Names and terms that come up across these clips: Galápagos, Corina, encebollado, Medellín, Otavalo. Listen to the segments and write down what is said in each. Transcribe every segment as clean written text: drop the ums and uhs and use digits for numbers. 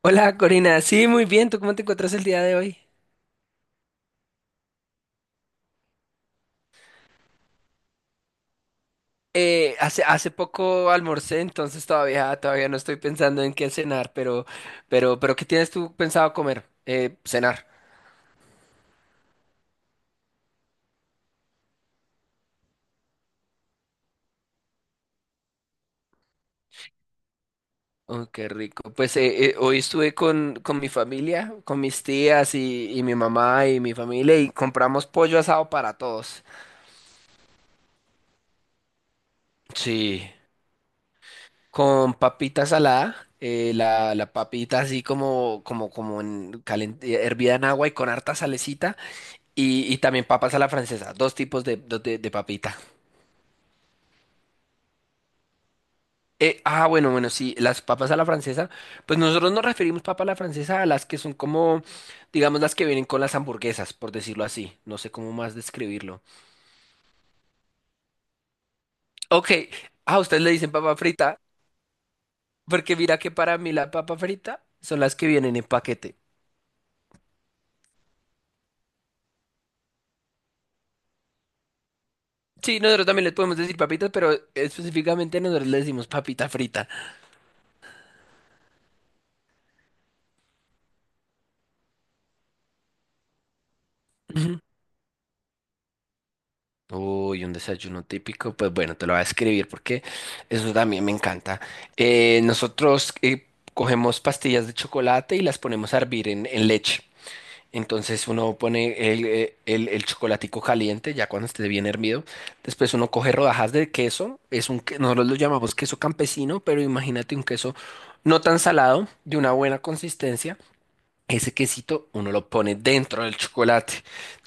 Hola Corina, sí, muy bien, ¿tú cómo te encuentras el día de hoy? Hace poco almorcé, entonces todavía no estoy pensando en qué cenar, pero ¿qué tienes tú pensado comer? Cenar. Oh, qué rico. Pues hoy estuve con mi familia, con mis tías y mi mamá y mi familia y compramos pollo asado para todos. Sí, con papita salada, la papita así como hervida en agua y con harta salecita. Y también papas a la francesa, dos tipos de papita. Ah, bueno, bueno, sí, las papas a la francesa, pues nosotros nos referimos papas a la francesa a las que son como, digamos, las que vienen con las hamburguesas, por decirlo así. No sé cómo más describirlo. Ok, ah, ustedes le dicen papa frita, porque mira que para mí la papa frita son las que vienen en paquete. Sí, nosotros también les podemos decir papitas, pero específicamente nosotros le decimos papita frita. Uy, un desayuno típico, pues bueno, te lo voy a escribir porque eso también me encanta. Nosotros cogemos pastillas de chocolate y las ponemos a hervir en leche. Entonces uno pone el chocolatico caliente, ya cuando esté bien hervido. Después uno coge rodajas de queso, nosotros lo llamamos queso campesino, pero imagínate un queso no tan salado, de una buena consistencia. Ese quesito uno lo pone dentro del chocolate,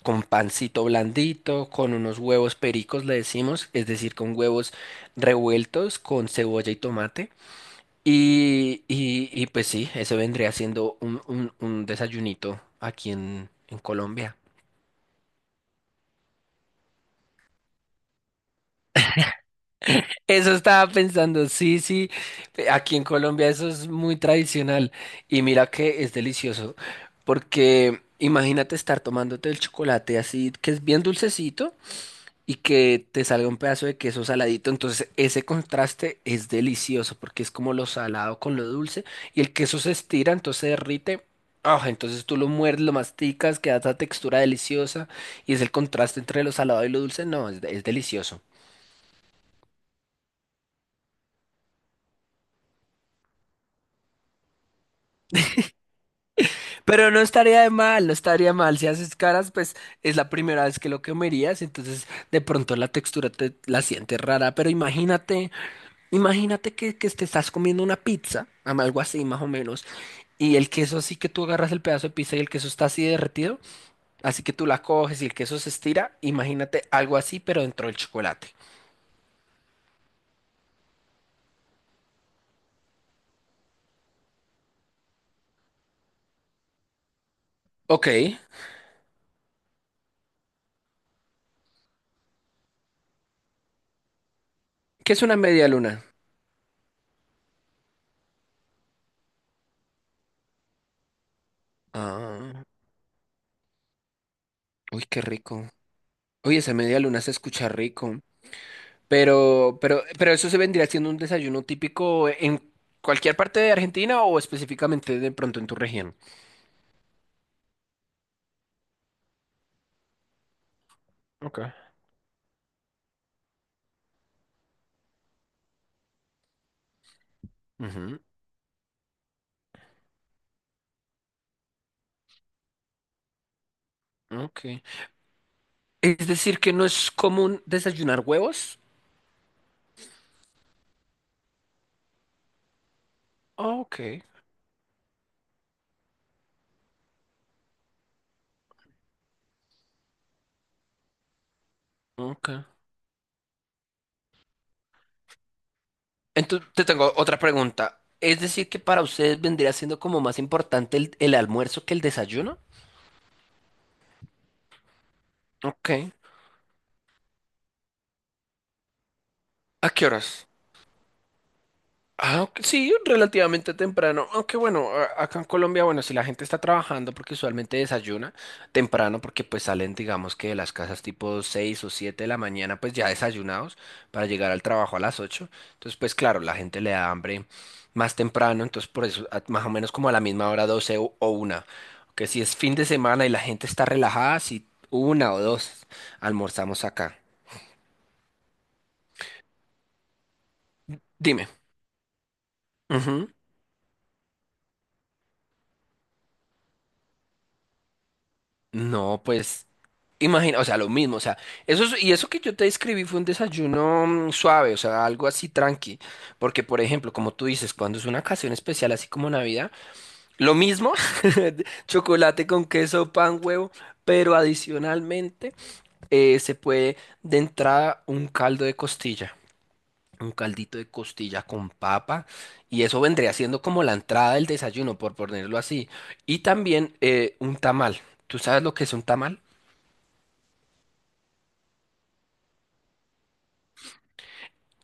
con pancito blandito, con unos huevos pericos, le decimos, es decir, con huevos revueltos, con cebolla y tomate. Y pues sí, eso vendría siendo un desayunito aquí en Colombia. Eso estaba pensando, sí, sí, aquí en Colombia eso es muy tradicional. Y mira que es delicioso, porque imagínate estar tomándote el chocolate así, que es bien dulcecito. Y que te salga un pedazo de queso saladito. Entonces, ese contraste es delicioso porque es como lo salado con lo dulce y el queso se estira, entonces se derrite. Ah, entonces tú lo muerdes, lo masticas, queda esa textura deliciosa y es el contraste entre lo salado y lo dulce. No, es delicioso. Pero no estaría de mal, no estaría mal. Si haces caras, pues es la primera vez que lo comerías, entonces de pronto la textura te la sientes rara. Pero imagínate. Imagínate que te estás comiendo una pizza, algo así más o menos, y el queso así que tú agarras el pedazo de pizza y el queso está así derretido, así que tú la coges y el queso se estira, imagínate algo así pero dentro del chocolate. Ok, ¿qué es una media luna? Ah, uy, qué rico. Oye, esa media luna se escucha rico, pero eso se vendría siendo un desayuno típico en cualquier parte de Argentina o específicamente de pronto en tu región. Ok. Ujú, ok. Es decir, que no es común desayunar huevos. Ah, ok, ok. Entonces, te tengo otra pregunta. Es decir, que para ustedes vendría siendo como más importante el almuerzo que el desayuno. Ok. ¿A qué horas? Ah, ok, sí, relativamente temprano, aunque bueno, acá en Colombia, bueno, si la gente está trabajando porque usualmente desayuna temprano porque pues salen digamos que de las casas tipo 6 o 7 de la mañana pues ya desayunados para llegar al trabajo a las 8, entonces pues claro, la gente le da hambre más temprano, entonces por eso más o menos como a la misma hora 12 o una, que si es fin de semana y la gente está relajada, si 1 o 2 almorzamos acá. Dime. Ujú. No, pues imagina, o sea, lo mismo, o sea, y eso que yo te describí fue un desayuno suave, o sea, algo así tranqui, porque por ejemplo, como tú dices, cuando es una ocasión especial así como Navidad, lo mismo, chocolate con queso, pan, huevo, pero adicionalmente se puede de entrada un caldo de costilla, un caldito de costilla con papa, y eso vendría siendo como la entrada del desayuno, por ponerlo así, y también un tamal. ¿Tú sabes lo que es un tamal?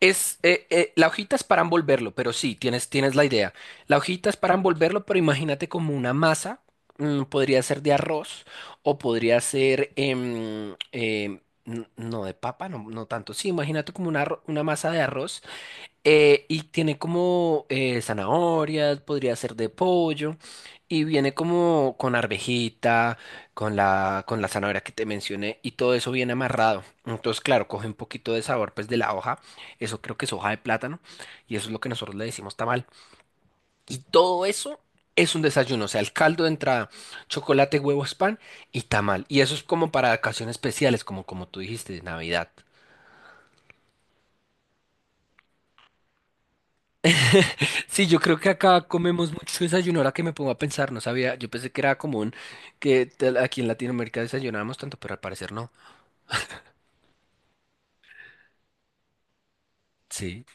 La hojita es para envolverlo, pero sí, tienes la idea. La hojita es para envolverlo, pero imagínate como una masa, podría ser de arroz o podría ser, no de papa, no, no tanto. Sí, imagínate como una masa de arroz, y tiene como zanahorias, podría ser de pollo, y viene como con arvejita, con la zanahoria que te mencioné, y todo eso viene amarrado. Entonces, claro, coge un poquito de sabor pues de la hoja, eso creo que es hoja de plátano, y eso es lo que nosotros le decimos tamal. Y todo eso es un desayuno, o sea, el caldo de entrada, chocolate, huevos, pan y tamal. Y eso es como para ocasiones especiales, como tú dijiste, de Navidad. Sí, yo creo que acá comemos mucho desayuno. Ahora que me pongo a pensar, no sabía, yo pensé que era común aquí en Latinoamérica desayunábamos tanto, pero al parecer no. Sí.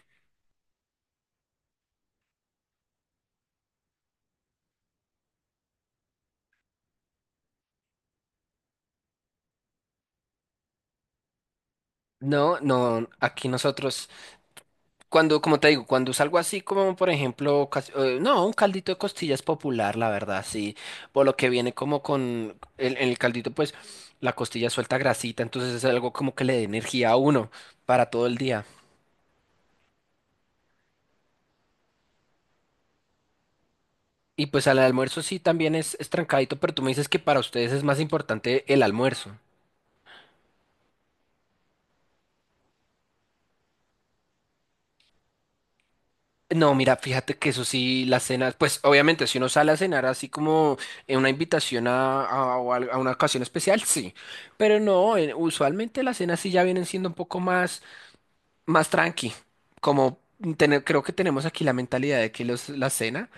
No, no, aquí nosotros, cuando, como te digo, cuando salgo así como, por ejemplo, no, un caldito de costillas popular, la verdad, sí, por lo que viene como con el caldito, pues la costilla suelta grasita, entonces es algo como que le dé energía a uno para todo el día. Y pues al almuerzo sí también es trancadito, pero tú me dices que para ustedes es más importante el almuerzo. No, mira, fíjate que eso sí, las cenas, pues obviamente si uno sale a cenar así como en una invitación a una ocasión especial, sí, pero no, usualmente las cenas sí ya vienen siendo un poco más tranqui, como tener, creo que tenemos aquí la mentalidad de que la cena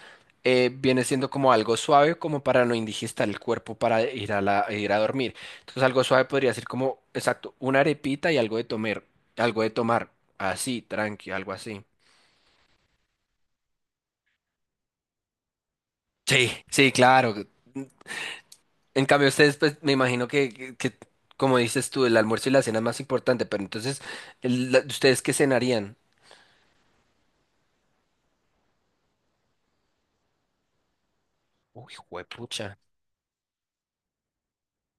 viene siendo como algo suave como para no indigestar el cuerpo para ir a dormir, entonces algo suave podría ser como, exacto, una arepita y algo de tomar, así, tranqui, algo así. Sí, sí, claro. En cambio, ustedes, pues, me imagino que, como dices tú, el almuerzo y la cena es más importante, pero entonces, ¿ustedes qué cenarían? Uy, juepucha.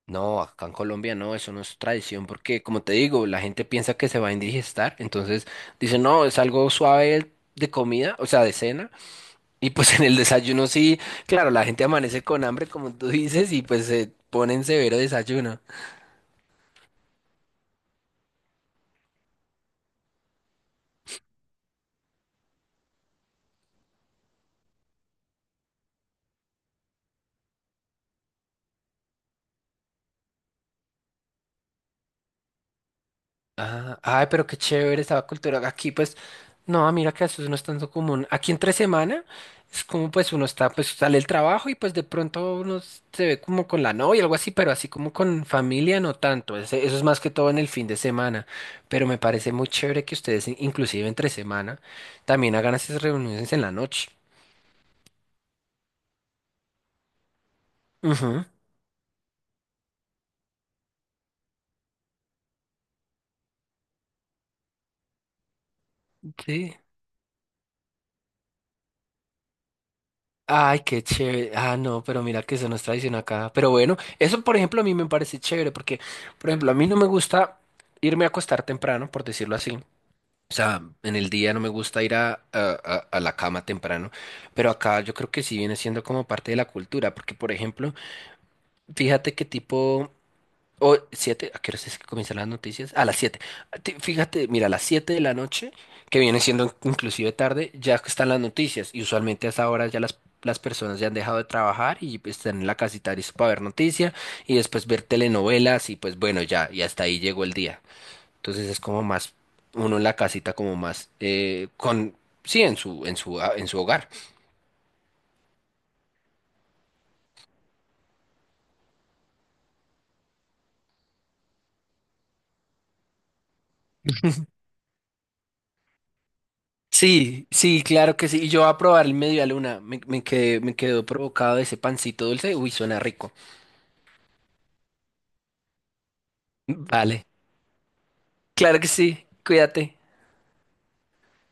No, acá en Colombia no, eso no es tradición, porque como te digo, la gente piensa que se va a indigestar, entonces dice, no, es algo suave de comida, o sea, de cena, y pues en el desayuno sí, claro, la gente amanece con hambre, como tú dices, y pues se pone en severo desayuno. Ah, ay, pero qué chévere esa cultura. Aquí, pues, no, mira que eso no es tanto común. Aquí entre semana es como pues uno está, pues sale el trabajo y pues de pronto uno se ve como con la novia, algo así, pero así como con familia no tanto. Eso es más que todo en el fin de semana. Pero me parece muy chévere que ustedes, inclusive entre semana, también hagan esas reuniones en la noche. Ujú, sí. Ay, qué chévere. Ah, no, pero mira que eso no es tradición acá. Pero bueno, eso por ejemplo a mí me parece chévere porque, por ejemplo, a mí no me gusta irme a acostar temprano, por decirlo así. O sea, en el día no me gusta ir a la cama temprano, pero acá yo creo que sí viene siendo como parte de la cultura, porque por ejemplo, fíjate qué tipo, o siete, ¿a qué hora es que comienzan las noticias? A las 7. Fíjate, mira, a las 7 de la noche, que viene siendo inclusive tarde, ya están las noticias. Y usualmente a esa hora ya las personas ya han dejado de trabajar y pues, están en la casita listo para ver noticias y después ver telenovelas y pues bueno, ya, y hasta ahí llegó el día. Entonces es como más, uno en la casita como más, sí, en su hogar. Sí, sí, claro que sí. Y yo voy a probar el media luna. Me quedó provocado ese pancito dulce. Uy, suena rico. Vale, claro que sí, cuídate.